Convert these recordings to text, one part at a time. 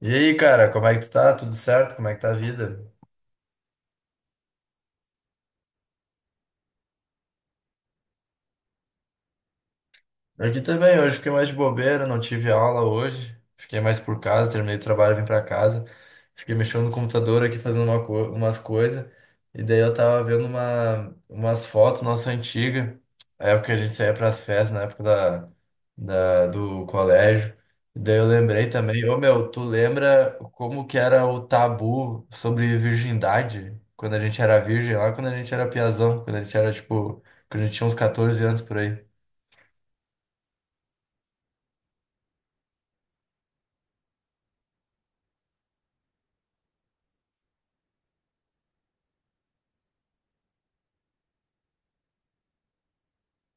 E aí, cara, como é que tu tá? Tudo certo? Como é que tá a vida? Aqui também, hoje fiquei mais de bobeira, não tive aula hoje. Fiquei mais por casa, terminei o trabalho, vim pra casa. Fiquei mexendo no computador aqui, fazendo umas coisas. E daí eu tava vendo umas fotos nossa antiga, a época que a gente saía pras festas, na época do colégio. E daí eu lembrei também, ô meu, tu lembra como que era o tabu sobre virgindade? Quando a gente era virgem, lá quando a gente era piazão, quando a gente era tipo, quando a gente tinha uns 14 anos por aí.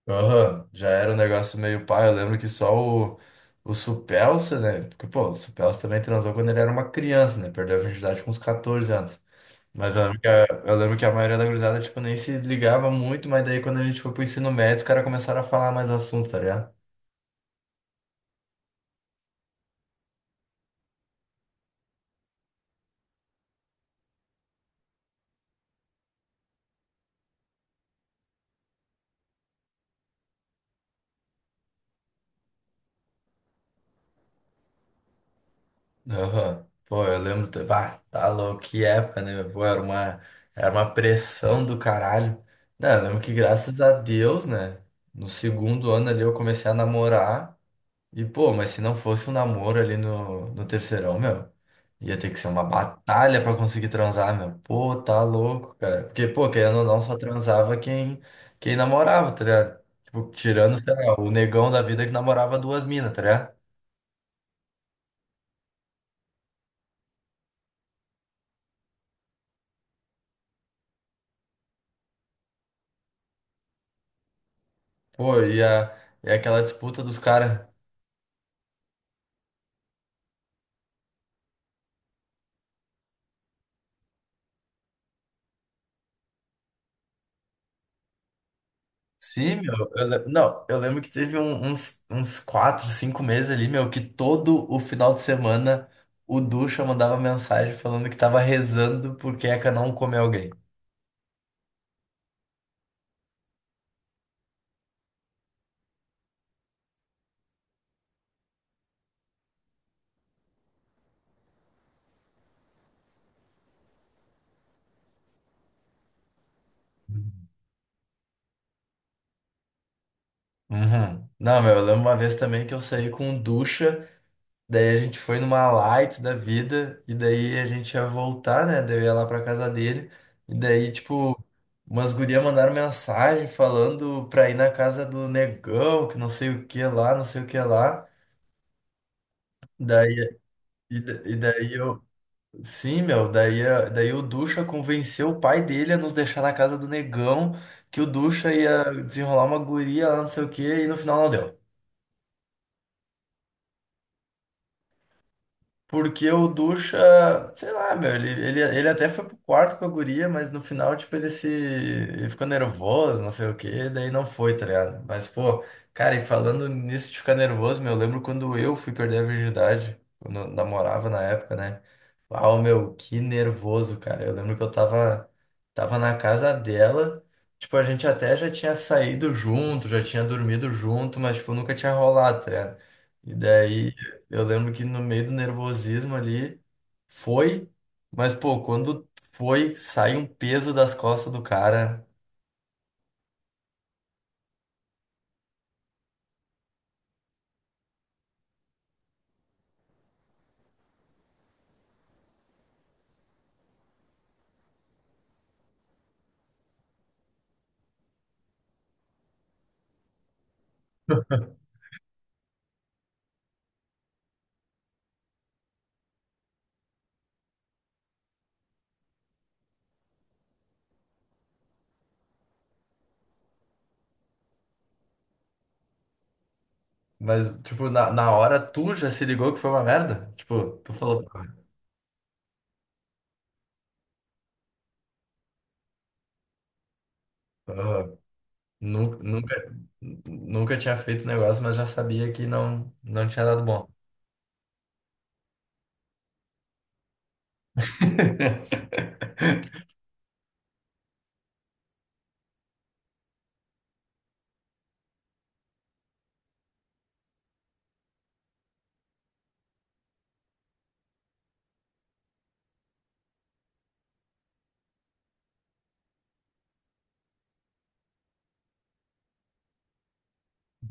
Aham, já era um negócio meio pá. Eu lembro que só o Supelsa, né? Porque, pô, o Supelsa também transou quando ele era uma criança, né? Perdeu a virgindade com uns 14 anos. Mas eu lembro que a maioria da gurizada, tipo, nem se ligava muito, mas daí quando a gente foi pro ensino médio, os caras começaram a falar mais assuntos, tá ligado? Aham. Pô, eu lembro. Bah, tá louco, que época, né? Pô, era uma pressão do caralho. Não, eu lembro que graças a Deus, né? No segundo ano ali eu comecei a namorar. E, pô, mas se não fosse um namoro ali no terceirão, meu, ia ter que ser uma batalha pra conseguir transar, meu. Pô, tá louco, cara. Porque, pô, querendo ou não, só transava quem namorava, tá ligado? Tipo, tirando, sei lá, o negão da vida que namorava duas minas, tá ligado? Pô, e aquela disputa dos caras. Sim, meu. Eu le- não, eu lembro que teve uns quatro, cinco meses ali, meu, que todo o final de semana o Ducha mandava mensagem falando que tava rezando porque a Queca não come alguém. Uhum. Não, meu, eu lembro uma vez também que eu saí com ducha, daí a gente foi numa light da vida, e daí a gente ia voltar, né? Daí eu ia lá pra casa dele, e daí, tipo, umas gurias mandaram mensagem falando pra ir na casa do negão, que não sei o que lá, não sei o que lá. Daí, e daí eu. Sim, meu, daí, daí o Ducha convenceu o pai dele a nos deixar na casa do negão, que o Ducha ia desenrolar uma guria lá, não sei o que, e no final não deu. Porque o Ducha, sei lá, meu, ele até foi pro quarto com a guria, mas no final, tipo, ele se. Ele ficou nervoso, não sei o quê, daí não foi, tá ligado? Mas, pô, cara, e falando nisso de ficar nervoso, meu, eu lembro quando eu fui perder a virgindade, quando eu namorava na época, né? Uau, meu, que nervoso, cara. Eu lembro que eu tava na casa dela, tipo, a gente até já tinha saído junto, já tinha dormido junto, mas, tipo, nunca tinha rolado, tá ligado? E daí eu lembro que no meio do nervosismo ali foi, mas pô, quando foi, sai um peso das costas do cara. Mas, tipo, na hora tu já se ligou que foi uma merda? Tipo, tu falou, nunca, nunca, nunca tinha feito negócio, mas já sabia que não tinha dado bom.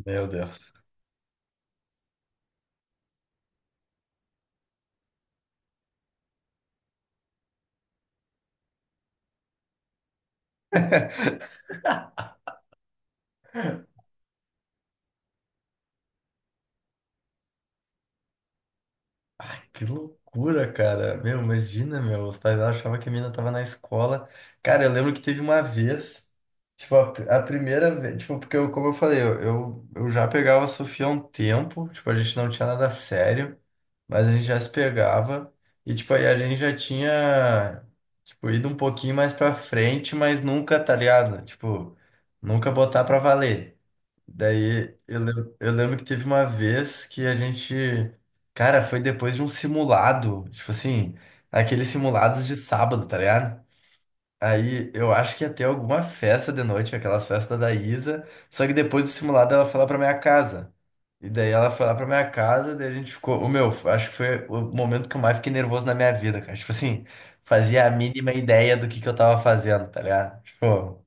Meu Deus. Que loucura, cara. Meu, imagina, meu. Os pais achavam que a menina tava na escola. Cara, eu lembro que teve uma vez, tipo, a primeira vez, tipo, porque eu, como eu falei, eu já pegava a Sofia há um tempo, tipo, a gente não tinha nada sério, mas a gente já se pegava. E, tipo, aí a gente já tinha, tipo, ido um pouquinho mais pra frente, mas nunca, tá ligado? Tipo, nunca botar pra valer. Daí eu lembro que teve uma vez que a gente, cara, foi depois de um simulado, tipo assim, aqueles simulados de sábado, tá ligado? Aí eu acho que ia ter alguma festa de noite, aquelas festas da Isa, só que depois do simulado ela foi lá pra minha casa. E daí ela foi lá pra minha casa, daí a gente ficou, o meu, acho que foi o momento que eu mais fiquei nervoso na minha vida, cara. Tipo assim, fazia a mínima ideia do que eu tava fazendo, tá ligado? Tipo,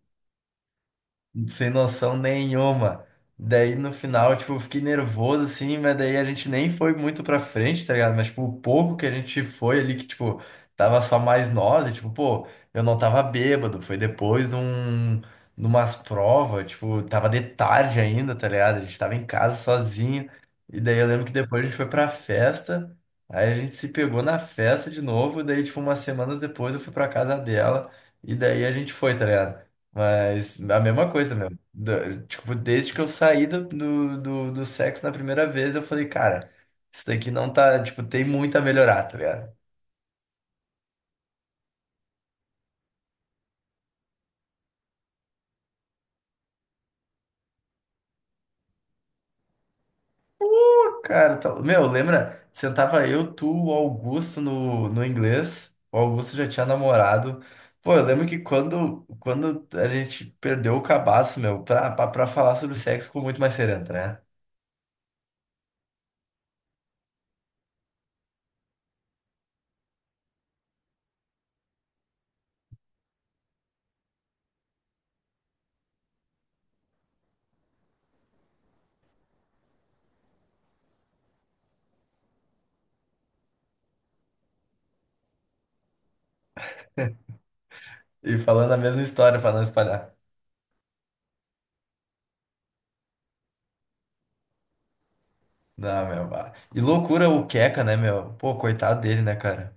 sem noção nenhuma. Daí no final, tipo, eu fiquei nervoso assim, mas daí a gente nem foi muito pra frente, tá ligado? Mas, tipo, o pouco que a gente foi ali, que, tipo, tava só mais nós, e, tipo, pô, eu não tava bêbado, foi depois de de umas provas, tipo, tava de tarde ainda, tá ligado? A gente tava em casa sozinho, e daí eu lembro que depois a gente foi pra festa, aí a gente se pegou na festa de novo, daí, tipo, umas semanas depois eu fui pra casa dela, e daí a gente foi, tá ligado? Mas a mesma coisa, meu. Tipo, desde que eu saí do sexo na primeira vez, eu falei, cara, isso daqui não tá. Tipo, tem muito a melhorar, tá ligado? Pô, cara, tá... meu, lembra? Sentava eu, tu, o Augusto no inglês. O Augusto já tinha namorado. Pô, eu lembro que quando a gente perdeu o cabaço, meu, pra falar sobre sexo ficou muito mais sereno, né? E falando a mesma história pra não espalhar. Não, meu. Bah. E loucura o Queca, né, meu? Pô, coitado dele, né, cara?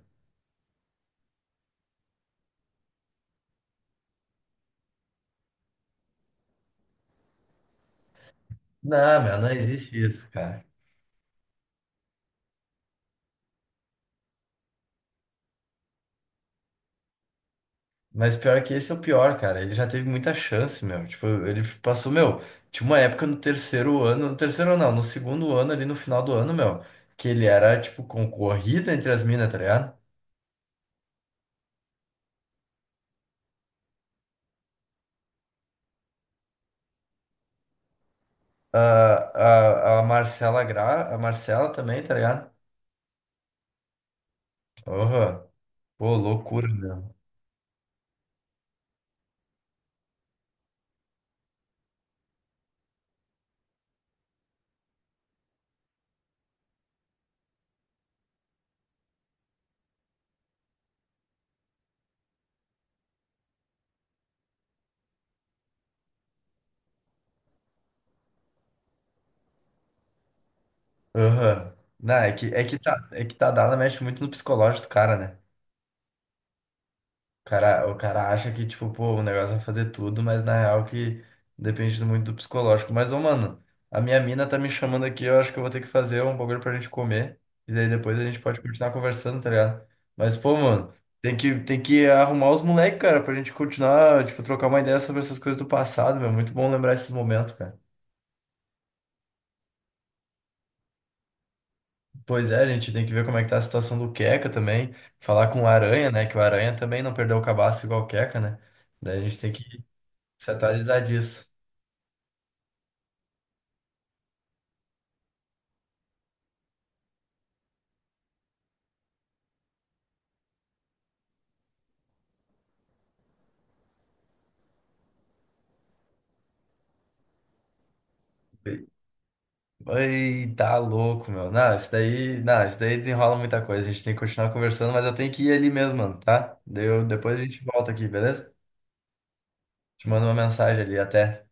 Não, meu, não existe isso, cara. Mas pior que esse é o pior, cara. Ele já teve muita chance, meu. Tipo, ele passou, meu. Tinha uma época no terceiro ano, no segundo ano, ali no final do ano, meu, que ele era, tipo, concorrido entre as minas, tá ligado? A, a Marcela também, tá ligado? Aham. Pô, loucura, meu. Aham. Não, é que tá dada, mexe muito no psicológico do cara, né? O cara acha que, tipo, pô, o negócio é fazer tudo, mas na real que depende muito do psicológico. Mas, ô, mano, a minha mina tá me chamando aqui, eu acho que eu vou ter que fazer um bagulho pra gente comer. E daí depois a gente pode continuar conversando, tá ligado? Mas, pô, mano, tem que arrumar os moleques, cara, pra gente continuar, tipo, trocar uma ideia sobre essas coisas do passado, meu. Muito bom lembrar esses momentos, cara. Pois é, a gente tem que ver como é que tá a situação do Queca também. Falar com o Aranha, né? Que o Aranha também não perdeu o cabaço igual o Queca, né? Daí a gente tem que se atualizar disso. Ai, tá louco, meu. Não, isso daí desenrola muita coisa. A gente tem que continuar conversando, mas eu tenho que ir ali mesmo, mano, tá? Deu, depois a gente volta aqui, beleza? Te mando uma mensagem ali, até.